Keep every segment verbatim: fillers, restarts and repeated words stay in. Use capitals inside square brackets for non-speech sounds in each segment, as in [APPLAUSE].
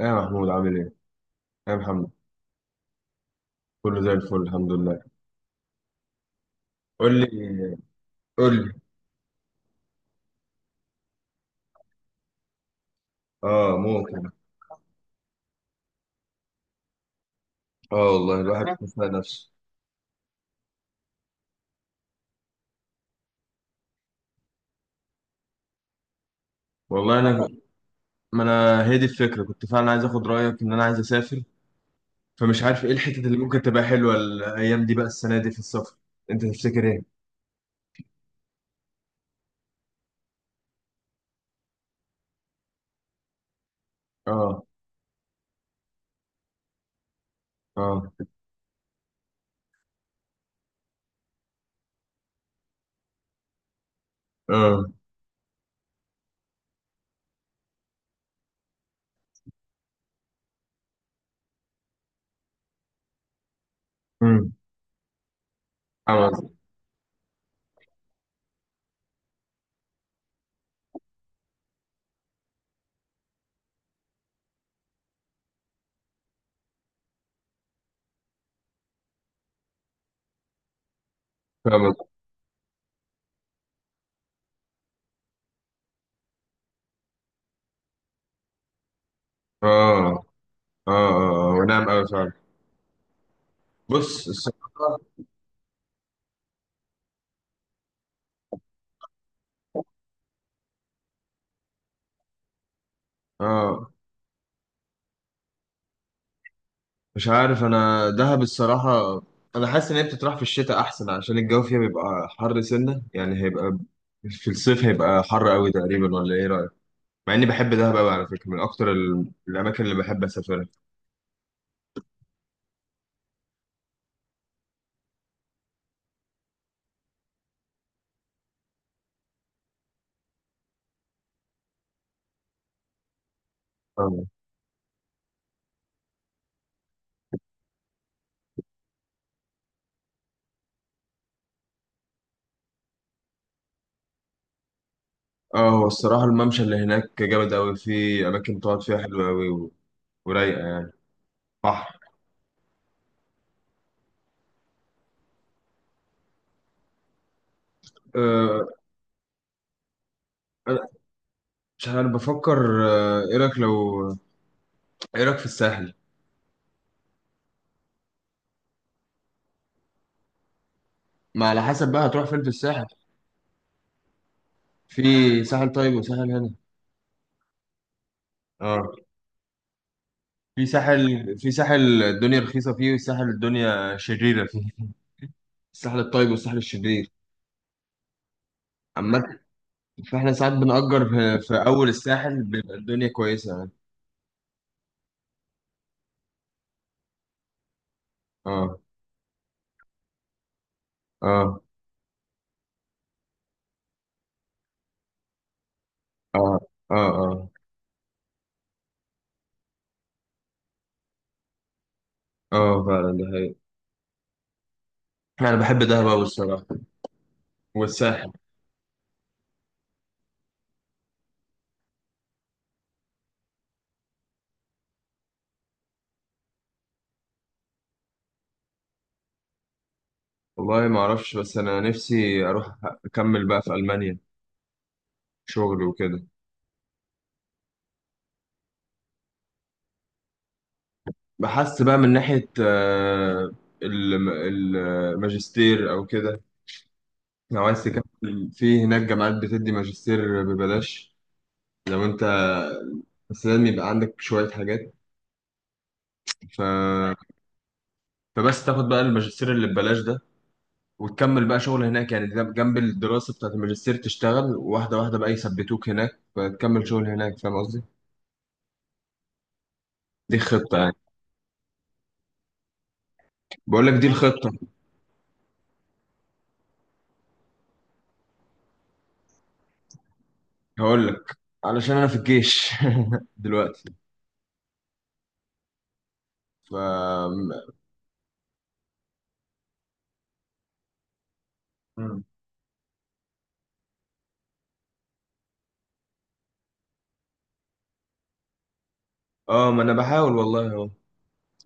ايه يا محمود، عامل ايه؟ ايه يا محمد؟ كله زي الفل، الحمد لله. قول لي قول لي. اه، ممكن. اه والله، الواحد بيسمع نفسه. والله انا، ما انا هي دي الفكره، كنت فعلا عايز اخد رايك ان انا عايز اسافر، فمش عارف ايه الحتت اللي ممكن تبقى حلوه الايام دي، بقى السنه دي في السفر. انت تفتكر ايه؟ اه. اه. اه. امم. فاهم قصدك، فاهم قصدك. اه. اه. اه. اه، ونعم قوي فعلا. بص الصراحه، اه مش عارف، انا دهب الصراحه، انا حاسس ان هي بتطرح في الشتاء احسن، عشان الجو فيها بيبقى حر سنه، يعني هيبقى في الصيف هيبقى حر قوي تقريبا، ولا ايه رايك؟ مع اني بحب دهب قوي على فكره، من اكتر ال- الاماكن اللي بحب اسافرها. اه. اه، هو الصراحه الممشى اللي هناك جامد قوي، في اماكن تقعد فيها حلوه قوي، و... ورايقه يعني. بحر. أه. أنا مش عارف، بفكر. آه، ايه رايك لو ايه رايك في الساحل؟ ما على حسب بقى هتروح فين في الساحل. في ساحل طيب وساحل هنا. اه. في ساحل في ساحل الدنيا رخيصة فيه، وساحل الدنيا شريرة فيه، الساحل الطيب والساحل الشرير. عامة، فاحنا ساعات بنأجر في, في أول الساحل، بيبقى الدنيا كويسة يعني. اه. اه. اه. اه. اه. اه فعلا، ده حقيقي. أنا بحب دهب أوي الصراحة، والساحل. والله ما أعرفش، بس أنا نفسي أروح أكمل بقى في ألمانيا، شغل وكده. بحس بقى من ناحية آه، الم- الماجستير أو كده، لو عايز تكمل في هناك جامعات بتدي ماجستير ببلاش. لو انت، بس لازم يبقى عندك شوية حاجات. ف... فبس تاخد بقى الماجستير اللي ببلاش ده، وتكمل بقى شغل هناك يعني، ده جنب الدراسة بتاعت الماجستير تشتغل، واحدة واحدة بقى، يثبتوك هناك، فتكمل شغل هناك. فاهم قصدي؟ دي خطة يعني. بقول لك دي الخطة. هقول لك، علشان أنا في الجيش [LAUGHS] دلوقتي. ف اه ما انا بحاول والله اهو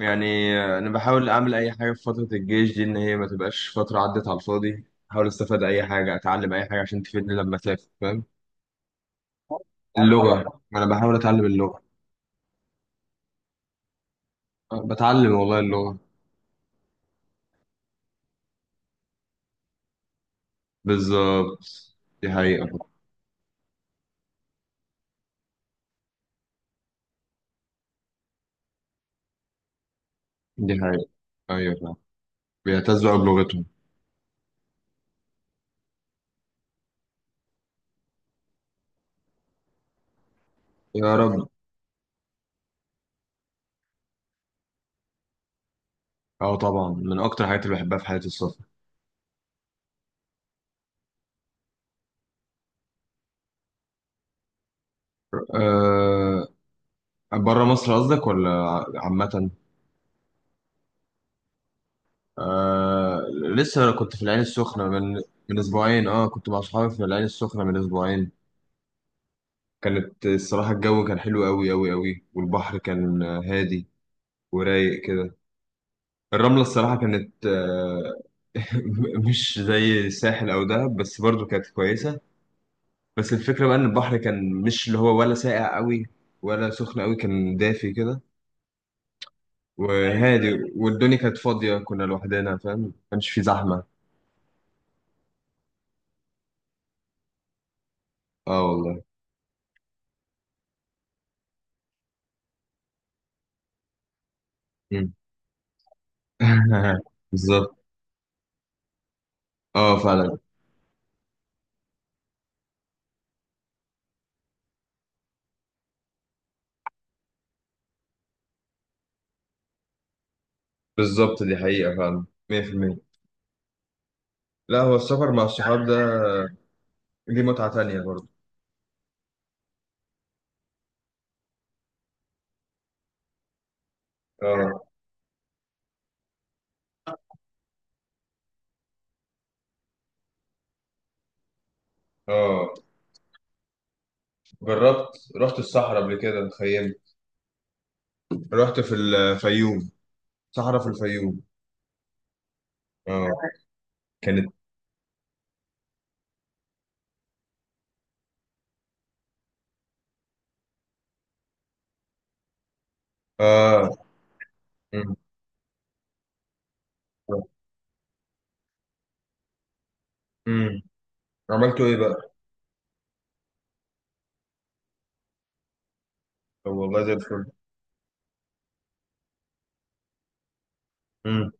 يعني. انا بحاول اعمل اي حاجه في فتره الجيش دي، ان هي ما تبقاش فتره عدت على الفاضي، احاول استفاد اي حاجه، اتعلم اي حاجه، عشان تفيدني لما اسافر. فاهم، اللغه، انا بحاول اتعلم اللغه. أه، بتعلم والله اللغه. بالظبط، دي حقيقه. دي حقيقه. ايوه، فاهم. بيعتزوا بلغتهم. يا رب. اه طبعا، من اكتر الحاجات اللي بحبها في حياتي السفر. أه، بره مصر قصدك ولا عامه؟ آه. لسه انا كنت في العين السخنة من من أسبوعين. أه، كنت مع صحابي في العين السخنة من أسبوعين. كانت الصراحة الجو كان حلو أوي أوي أوي، والبحر كان آه، هادي ورايق كده. الرملة الصراحة كانت آه [LAUGHS] مش زي الساحل أو دهب، بس برضو كانت كويسة. بس الفكرة بقى إن البحر كان مش اللي هو، ولا ساقع أوي ولا سخن أوي، كان دافي كده. ايوه، وهادي، والدنيا كانت فاضية، كنا لوحدنا، فاهم، ما كانش في زحمة. أه والله. مم. [LAUGHS] بالظبط. اه فعلا. بالظبط، دي حقيقة فعلا مية في المية. لا، هو السفر مع الصحاب ده ليه متعة تانية برضه. اه. اه. جربت. رحت الصحراء قبل كده تخيل. رحت في الفيوم، صحراء في الفيوم. اه، كانت. اه. مم. مم. عملتوا ايه بقى؟ طب والله زي الفل. مم.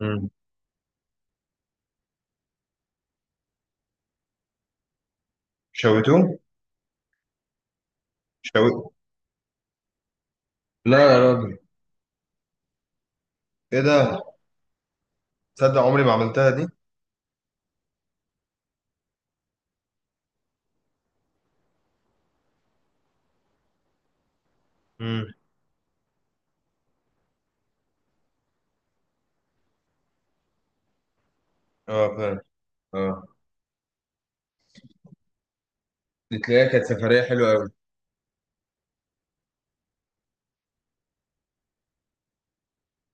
مم. شويتوه؟ شوي لا يا راجل. ايه ده؟ تصدق عمري ما عملتها دي؟ مم. اه فعلا. اه، دي تلاقيها كانت سفرية حلوة أوي.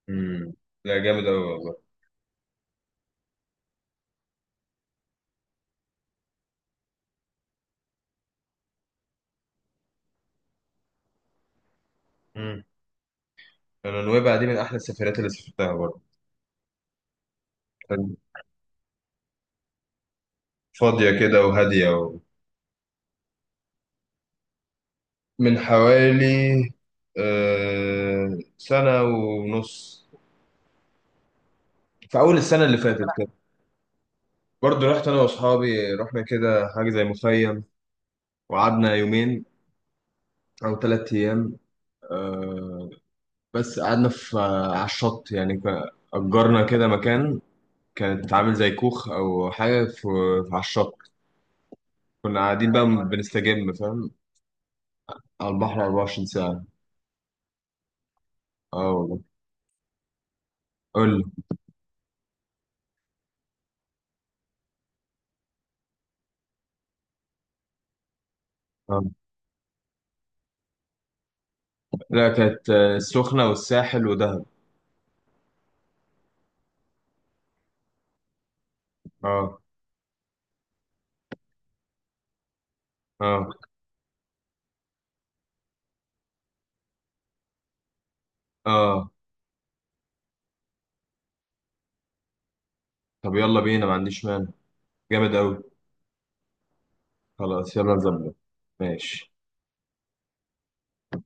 مم. لا، جامد أوي والله. مم. انا نويبع دي من احلى السفرات اللي سافرتها برضه. كانت فاضيه كده وهاديه و... من حوالي آه، سنه ونص، في اول السنه اللي فاتت كده. برضه رحت انا واصحابي، رحنا كده حاجه زي مخيم، وقعدنا يومين او ثلاث ايام. آه، بس قعدنا في، على الشط يعني، ك- اجرنا كده مكان، كانت عامل زي كوخ او حاجه في، في- على الشط، كنا قاعدين بقى بنستجم. فاهم، على البحر أربعة وعشرين ساعه. اه والله. قول. اه. لا، كانت آه، السخنة والساحل ودهب. اه. اه. اه. طب يلا بينا، ما عنديش مانع، جامد أوي. خلاص، يلا نظبط. ماشي